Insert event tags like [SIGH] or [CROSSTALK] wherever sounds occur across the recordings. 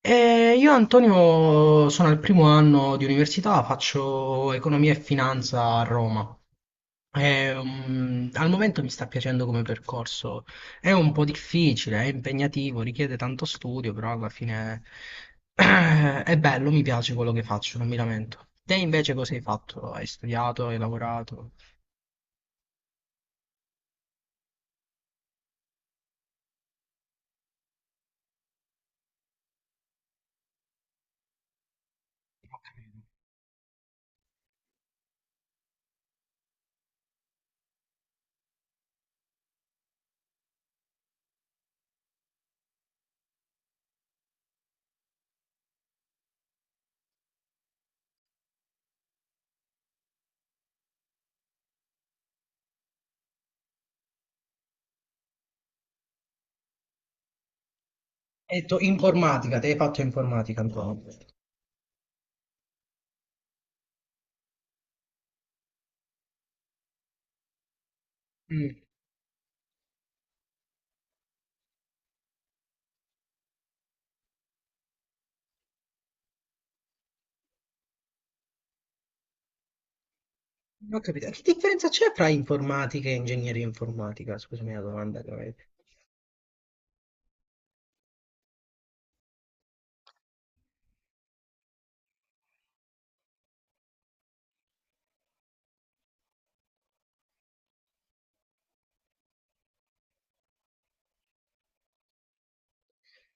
Io Antonio sono al primo anno di università, faccio economia e finanza a Roma. Al momento mi sta piacendo come percorso. È un po' difficile, è impegnativo, richiede tanto studio, però alla fine [CLEARS THROAT] è bello, mi piace quello che faccio, non mi lamento. Te invece cosa hai fatto? Hai studiato, hai lavorato? Hai detto informatica, te hai fatto informatica, Antonio. Ho capito. Che differenza c'è fra informatica e ingegneria informatica? Scusami la domanda che avevo.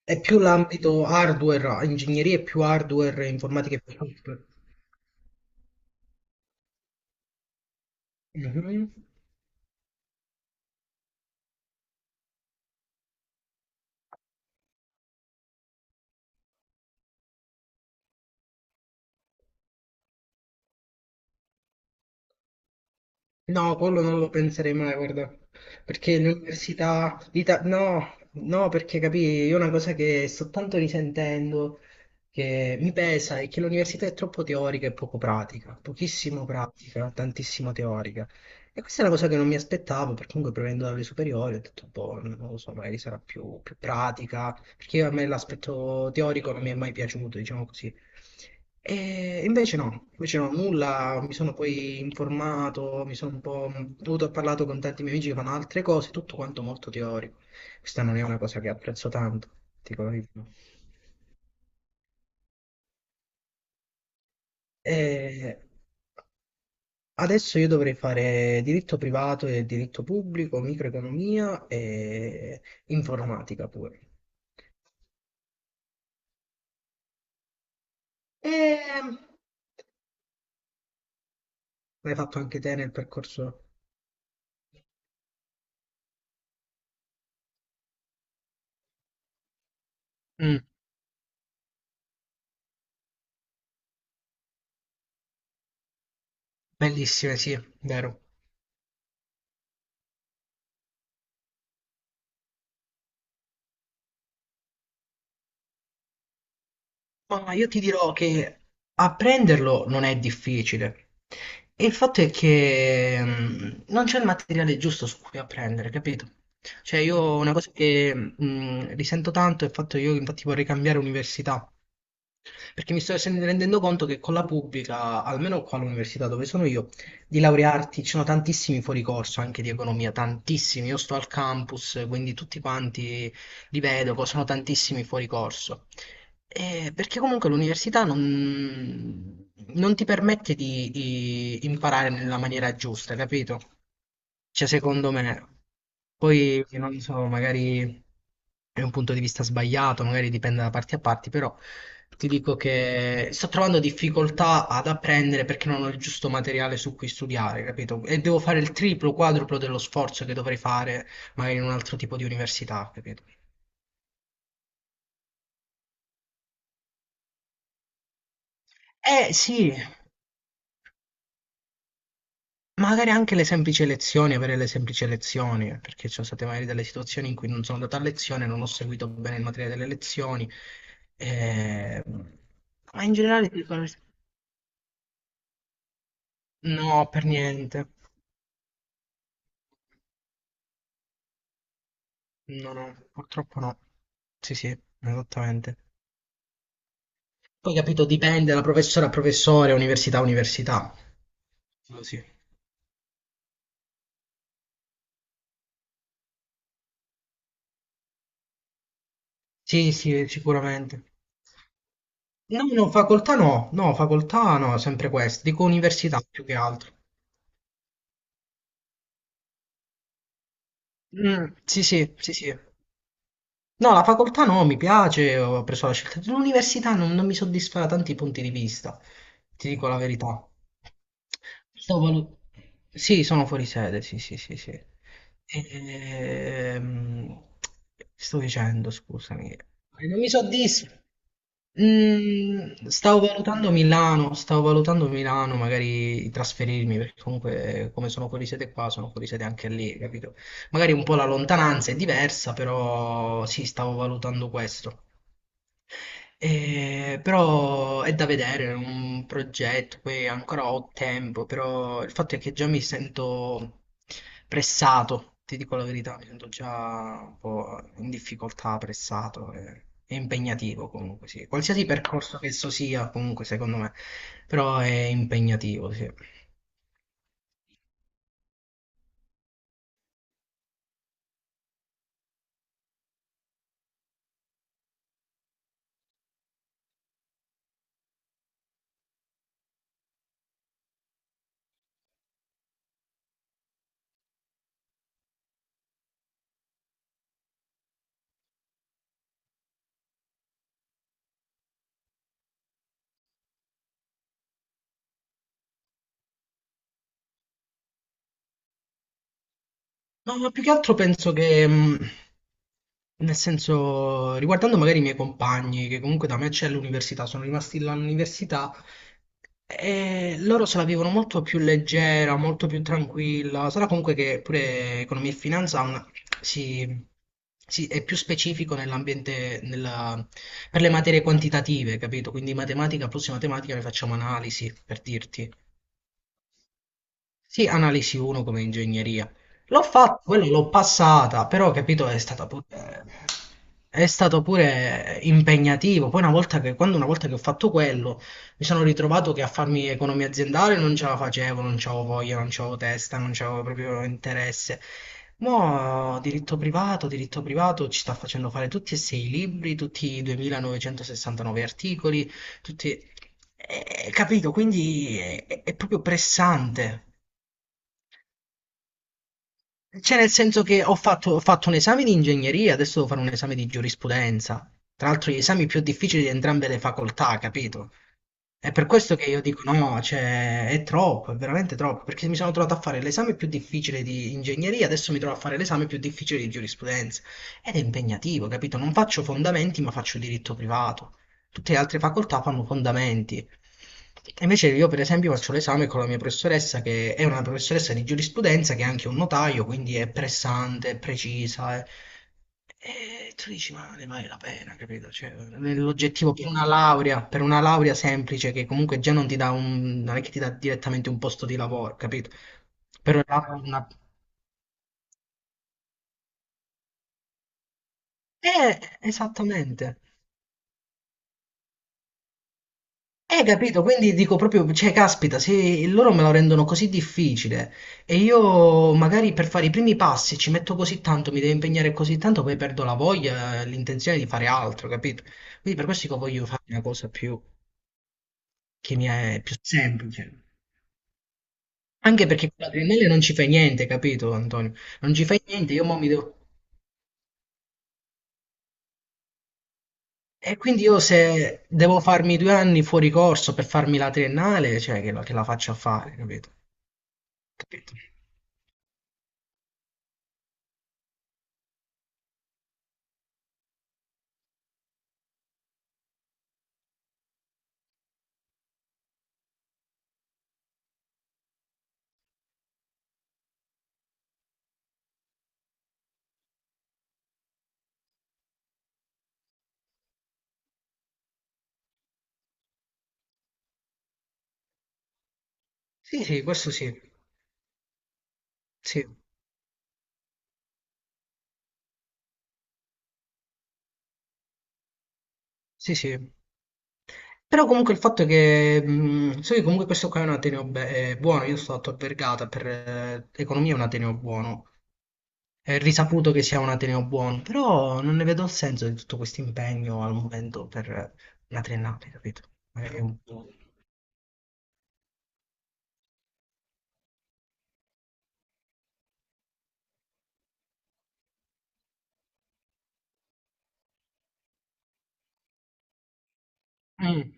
È più l'ambito hardware, ingegneria è più hardware, informatica è più software. Mhm. No, quello non lo penserei mai, guarda, perché l'università, no, no, perché capì, io una cosa che sto tanto risentendo, che mi pesa, è che l'università è troppo teorica e poco pratica, pochissimo pratica, tantissimo teorica. E questa è una cosa che non mi aspettavo, perché comunque provenendo dalle superiori ho detto, boh, non lo so, magari sarà più, più pratica, perché a me l'aspetto teorico non mi è mai piaciuto, diciamo così. E invece no, nulla, mi sono poi informato, mi sono un po'... dovuto ho parlato con tanti miei amici che fanno altre cose, tutto quanto molto teorico. Questa non è una cosa che apprezzo tanto, ti dico la verità. E adesso io dovrei fare diritto privato e diritto pubblico, microeconomia e informatica pure. E l'hai fatto anche te nel percorso? Mm, bellissime, sì, vero. Ma io ti dirò che apprenderlo non è difficile. E il fatto è che non c'è il materiale giusto su cui apprendere, capito? Cioè, io una cosa che risento tanto è il fatto che io infatti vorrei cambiare università. Perché mi sto rendendo conto che con la pubblica, almeno qua all'università dove sono io, di laurearti ci sono tantissimi fuori corso anche di economia, tantissimi. Io sto al campus, quindi tutti quanti li vedo, sono tantissimi fuori corso. Perché comunque l'università non, non ti permette di imparare nella maniera giusta, capito? Cioè, secondo me. Poi, non so, magari è un punto di vista sbagliato, magari dipende da parti a parti, però ti dico che sto trovando difficoltà ad apprendere perché non ho il giusto materiale su cui studiare, capito? E devo fare il triplo, quadruplo dello sforzo che dovrei fare magari in un altro tipo di università, capito? Eh sì, magari anche le semplici lezioni, avere le semplici lezioni, perché ci sono state magari delle situazioni in cui non sono andato a lezione, non ho seguito bene il materiale delle lezioni. eh, Ma in generale ti dicono... No, per niente. No, no, purtroppo no. Sì, sì, esattamente. Poi capito, dipende da professore a professore, università a università. Così. Sì, sì, sicuramente. No, no, facoltà no, no, facoltà no, sempre questo. Dico università più che altro. Mm, sì, sì, sì, sì. No, la facoltà no, mi piace, ho preso la scelta. L'università non, non mi soddisfa da tanti punti di vista, ti dico la verità. Sto valu- Sì, sono fuori sede, sì, sì, sì, sì. Ehm, Sto dicendo, scusami. Cioè, non mi soddisfa. Mm, stavo valutando Milano, magari trasferirmi, perché comunque come sono fuori sede qua, sono fuori sede anche lì, capito? Magari un po' la lontananza è diversa, però sì, stavo valutando questo. Però è da vedere, è un progetto, poi ancora ho tempo, però il fatto è che già mi sento pressato, ti dico la verità, mi sento già un po' in difficoltà, pressato, è impegnativo comunque, sì. Qualsiasi percorso che esso sia, comunque secondo me, però è impegnativo, sì. No, ma più che altro penso che, nel senso, riguardando magari i miei compagni, che comunque da me c'è l'università, sono rimasti là all'università, e loro se la vivono molto più leggera, molto più tranquilla. Sarà comunque che pure economia e finanza ha si, è più specifico nell'ambiente, per le materie quantitative, capito? Quindi matematica, prossima matematica, ne facciamo analisi, per dirti. Sì, analisi 1 come ingegneria. L'ho fatto, quello l'ho passata, però capito, è stato pure impegnativo. Poi quando una volta che ho fatto quello, mi sono ritrovato che a farmi economia aziendale non ce la facevo, non c'avevo voglia, non c'avevo testa, non c'avevo proprio interesse. Mo' diritto privato ci sta facendo fare tutti e sei i libri, tutti i 2969 articoli, tutti... capito, quindi è, è proprio pressante. Cioè, nel senso che ho fatto un esame di ingegneria, adesso devo fare un esame di giurisprudenza. Tra l'altro, gli esami più difficili di entrambe le facoltà, capito? È per questo che io dico no, cioè è troppo, è veramente troppo, perché mi sono trovato a fare l'esame più difficile di ingegneria, adesso mi trovo a fare l'esame più difficile di giurisprudenza. Ed è impegnativo, capito? Non faccio fondamenti, ma faccio diritto privato. Tutte le altre facoltà fanno fondamenti. E invece io, per esempio, faccio l'esame con la mia professoressa, che è una professoressa di giurisprudenza, che è anche un notaio, quindi è pressante, è precisa, è- e tu dici, ma ne vale la pena, capito? Cioè, nell'oggettivo per una laurea semplice che comunque già non ti dà un, non è che ti dà direttamente un posto di lavoro, capito? Per una laurea, una- eh, esattamente. Capito? Quindi dico proprio, cioè, caspita, se loro me lo rendono così difficile e io magari per fare i primi passi ci metto così tanto, mi devo impegnare così tanto, poi perdo la voglia, l'intenzione di fare altro, capito? Quindi per questo dico, voglio fare una cosa più, che mi è più semplice. Anche perché con l'adrenalina non ci fai niente, capito Antonio? Non ci fai niente, io mo mi devo... E quindi io se devo farmi 2 anni fuori corso per farmi la triennale, cioè che la faccio a fare, capito? Capito? Sì, sì, questo sì. Sì, sì, sì. Però comunque il fatto è che... so che comunque questo qua è un ateneo buono, io sto stato a Vergata, per economia è un ateneo buono. È risaputo che sia un ateneo buono, però non ne vedo il senso di tutto questo impegno al momento per una triennale, capito? Magari è un po'... Mm.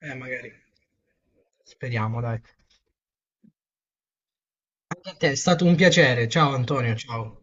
Magari. Speriamo, dai. Anche a te, è stato un piacere. Ciao Antonio, ciao.